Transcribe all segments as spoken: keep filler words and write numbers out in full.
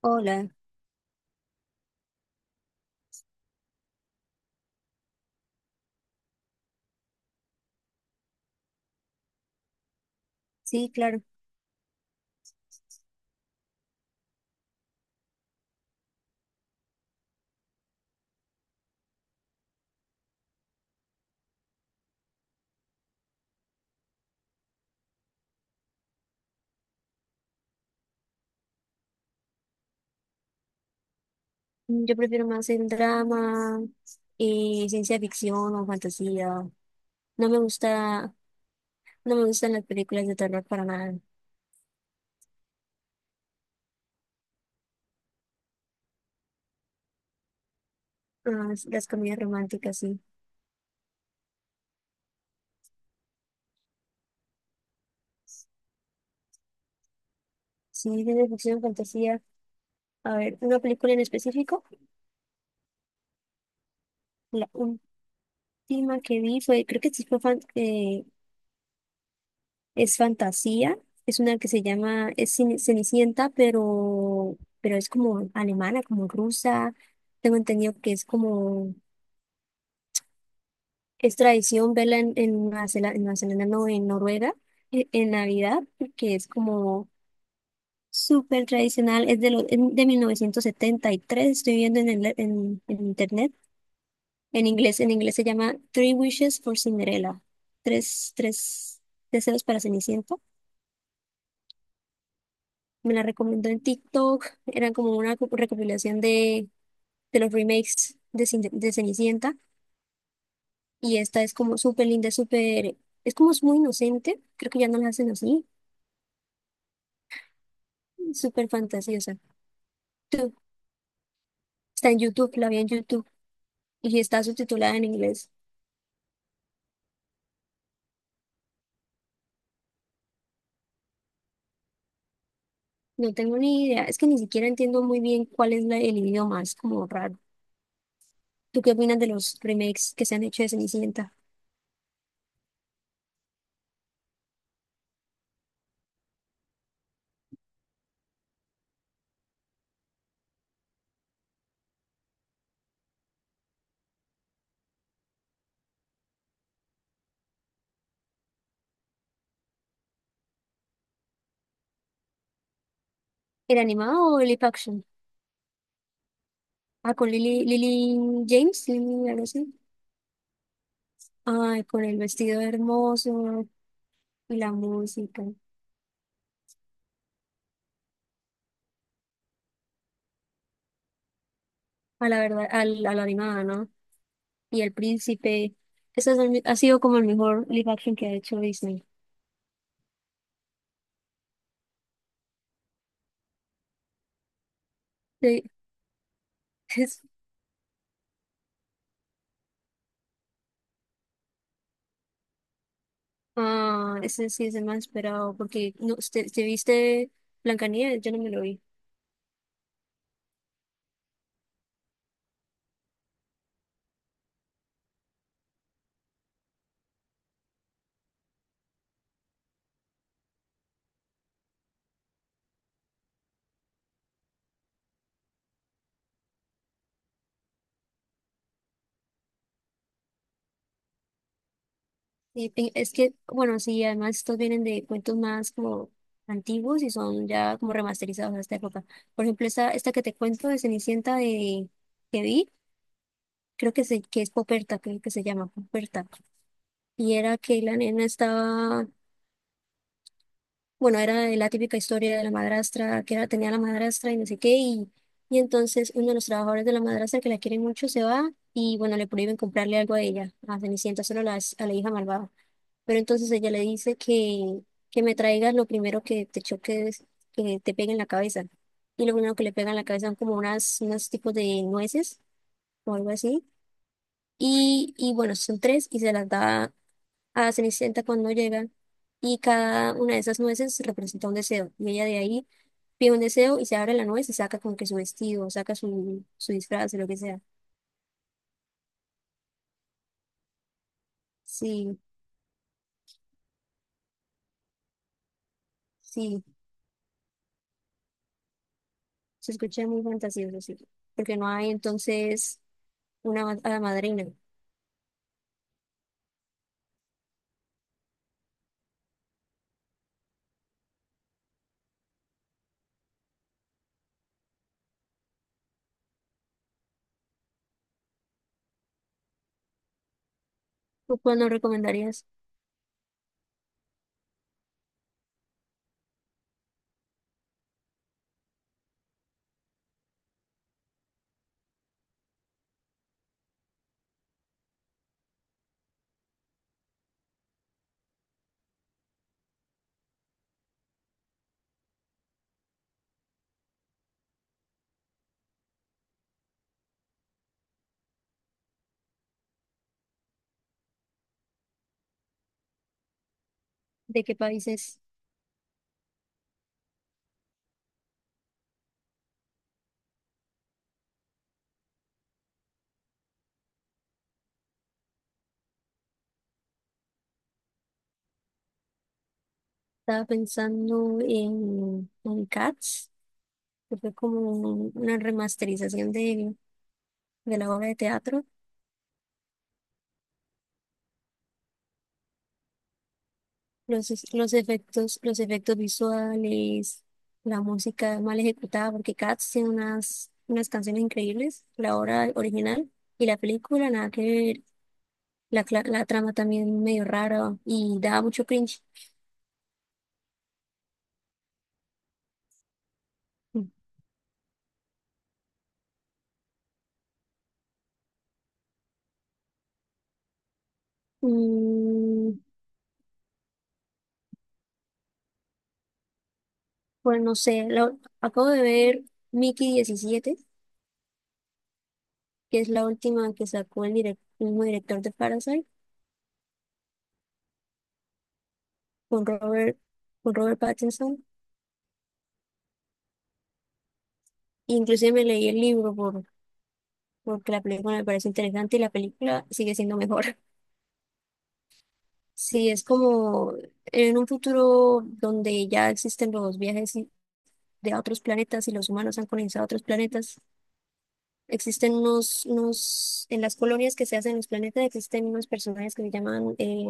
Hola, sí, claro. Mm, Yo prefiero más el drama, eh, ciencia ficción o fantasía. No me gusta, no me gustan las películas de terror para nada. Ah, s- las comedias románticas, sí. Sí, ciencia ficción, fantasía. A ver, una película en específico. La última que vi fue, creo que sí fue fan- eh, es fantasía. Es una que se llama, es Cen- Cenicienta, pero, pero es como alemana, como rusa. Tengo entendido que es como es tradición verla en, en Nueva Zelanda, en Nueva Zelanda, no, en Noruega, e- en, Navidad, que es como súper tradicional. Es de, lo, en- de mil novecientos setenta y tres estoy viendo en, el, en, en internet. En inglés, en inglés se llama Three Wishes for Cinderella. Tres, tres deseos para Cenicienta. Me la recomendó en TikTok. Era como una co- recopilación de, de los remakes de, Cin- de Cenicienta. Y esta es como súper linda, súper... Es como es muy inocente. Creo que ya no la hacen así. Súper fantasiosa. Tú, está en YouTube, la vi en YouTube y está subtitulada en inglés. No tengo ni idea. Es que ni siquiera entiendo muy bien cuál es la- el idioma. Es como raro. ¿Tú qué opinas de los remakes que se han hecho de Cenicienta? ¿El animado o el live action? Ah, con Lily, Lily James, Lily, algo así. Ay, con el vestido hermoso y la música. A la verdad, al, a la animada, ¿no? Y el príncipe. Eso ha sido como el mejor live action que ha hecho Disney. Sí. Ah, ese sí es el más esperado, porque no, ¿te, te viste Blancanieves? Yo no me lo vi. Y pe- es que, bueno, sí, además estos vienen de cuentos más como antiguos y son ya como remasterizados a esta época. Por ejemplo, esta, esta que te cuento de Cenicienta de, que vi, creo que, se, que es Poperta, creo que se llama Poperta. Y era que la nena estaba, bueno, era la típica historia de la madrastra, que era, tenía la madrastra y no sé qué, y, y entonces uno de los trabajadores de la madrastra que la quiere mucho se va y bueno, le prohíben comprarle algo a ella, a Cenicienta, solo a la, a la hija malvada. Pero entonces ella le dice que, que me traigas lo primero que te choques, que te pegue en la cabeza. Y lo primero que le pega en la cabeza son como unas, unos tipos de nueces o algo así. Y, y bueno, son tres y se las da a Cenicienta cuando llega y cada una de esas nueces representa un deseo. Y ella de ahí pide un deseo y se abre la nuez y saca como que su vestido, saca su, su disfraz, o lo que sea. Sí, sí, se escucha muy fantasioso, sí. Porque no hay entonces una ma- hada madrina. ¿Tú cuál nos recomendarías? ¿De qué países? Estaba pensando en, en Cats, que fue como un- una remasterización de, de la obra de teatro. Los, es- los efectos, los efectos visuales, la música mal ejecutada, porque Cats tiene unas, unas canciones increíbles, la obra original y la película, nada que ver, la, cla- la trama también medio rara y daba mucho cringe. Mm, bueno, no sé, lo- acabo de ver Mickey diecisiete, que es la última que sacó el, direc- el mismo director de Parasite, con Robert, con Robert Pattinson. Inclusive me leí el libro por porque la película me parece interesante y la película sigue siendo mejor. Sí, es como en un futuro donde ya existen los viajes y- de a otros planetas y los humanos han colonizado otros planetas, existen unos, unos, en las colonias que se hacen en los planetas existen unos personajes que se llaman eh,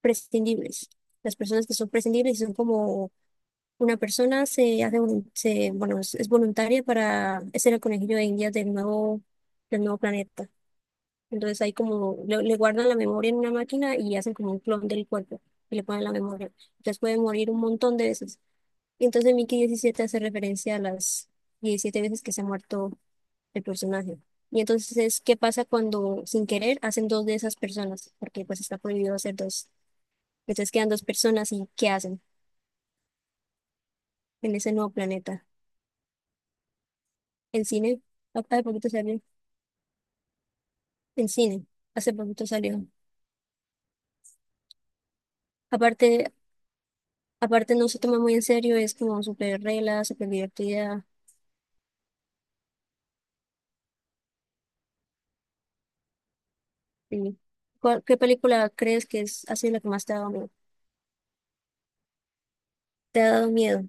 prescindibles. Las personas que son prescindibles son como una persona se hace, volun- se, bueno, es, es voluntaria para ser el conejillo de Indias del nuevo, del nuevo planeta. Entonces ahí como le, le guardan la memoria en una máquina y hacen como un clon del cuerpo y le ponen la memoria. Entonces puede morir un montón de veces. Y entonces Mickey diecisiete hace referencia a las diecisiete veces que se ha muerto el personaje. Y entonces es qué pasa cuando sin querer hacen dos de esas personas, porque pues está prohibido hacer dos. Entonces quedan dos personas y ¿qué hacen en ese nuevo planeta? En cine. Ah, hace poquito salió. En cine, hace poquito salió. Aparte, aparte no se toma muy en serio, es como súper regla, súper divertida. Sí. ¿Cuál- qué película crees que es así la que más te ha dado miedo? Te ha dado miedo.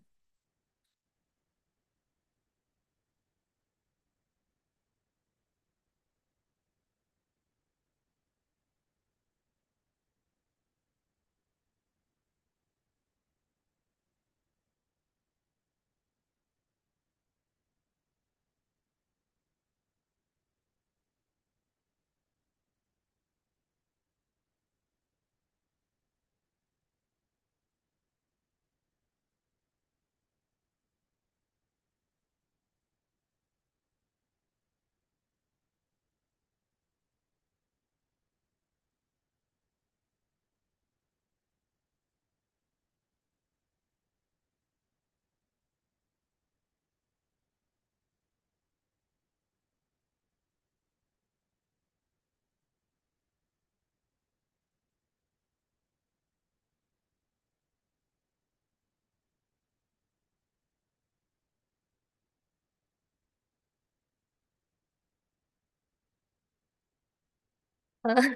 Ah,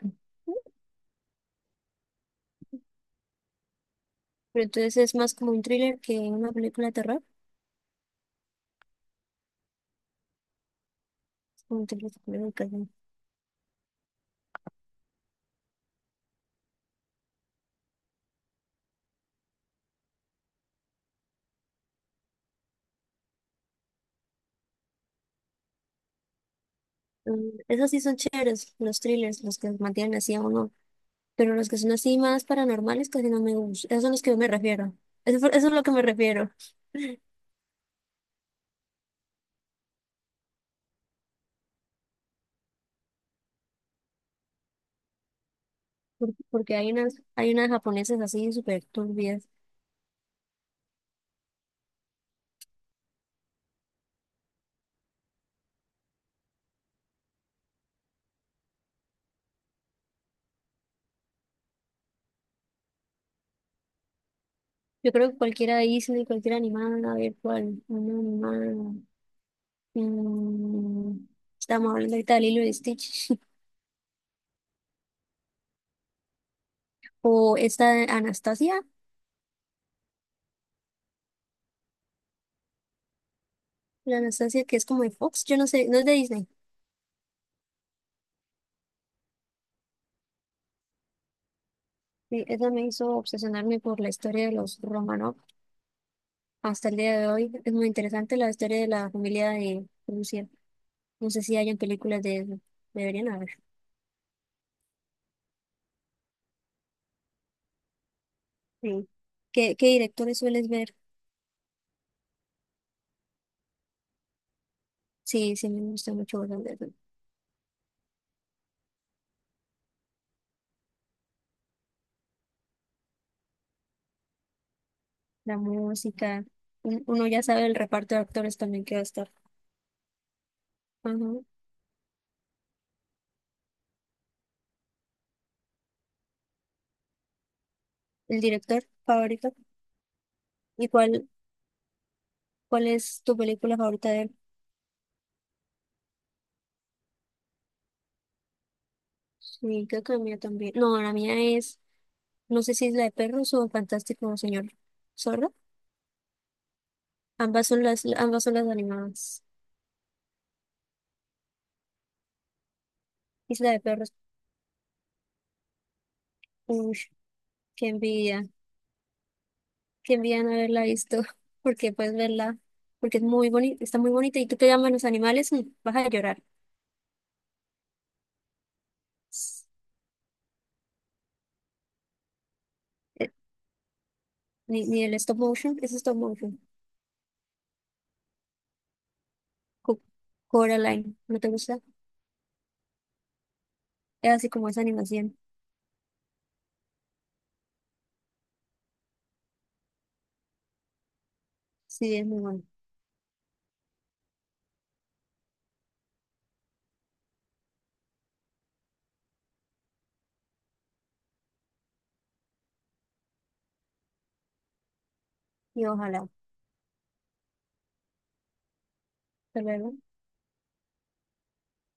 pero entonces es más como un thriller que una película de terror. Es como un thriller psicológico, ¿no? Mm, esas sí son chéveres, los thrillers, los que mantienen así a uno. Pero los que son así más paranormales casi no me gustan. Esos son los que yo me refiero. Eso, fue- eso es lo que me refiero. Por- Porque hay unas, hay unas japonesas así súper turbias. Yo creo que cualquiera Disney, cualquier animal, a ver cuál, una animada. Mm, estamos hablando ahorita de Lilo y Stitch. O esta de Anastasia, la Anastasia que es como de Fox, yo no sé, no es de Disney. Sí, esa me hizo obsesionarme por la historia de los Romanov hasta el día de hoy. Es muy interesante la historia de la familia de Rusia. No sé si hayan películas de eso. Deberían haber. Sí. ¿Qué, qué directores sueles ver? Sí, sí, me gusta mucho ver la la música. Un- Uno ya sabe el reparto de actores también que va a estar. Ajá. El director favorito. y cuál ¿Cuál es tu película favorita de él? Sí, creo que la mía también. No, la mía es, no sé si es la de perros o Fantástico Señor Zorro. Ambas son las, ambas son las animadas. Isla de perros. Uy, qué envidia. Qué envidia no haberla visto. Porque puedes verla, porque es muy bonita, está muy bonita. Y tú te amas los animales y vas a llorar. S- Eh, Ni, ni el stop motion, es stop motion. Co- Coraline, ¿no te gusta? Es así como esa animación. Sí, es muy bueno. Y ojalá. Hasta luego.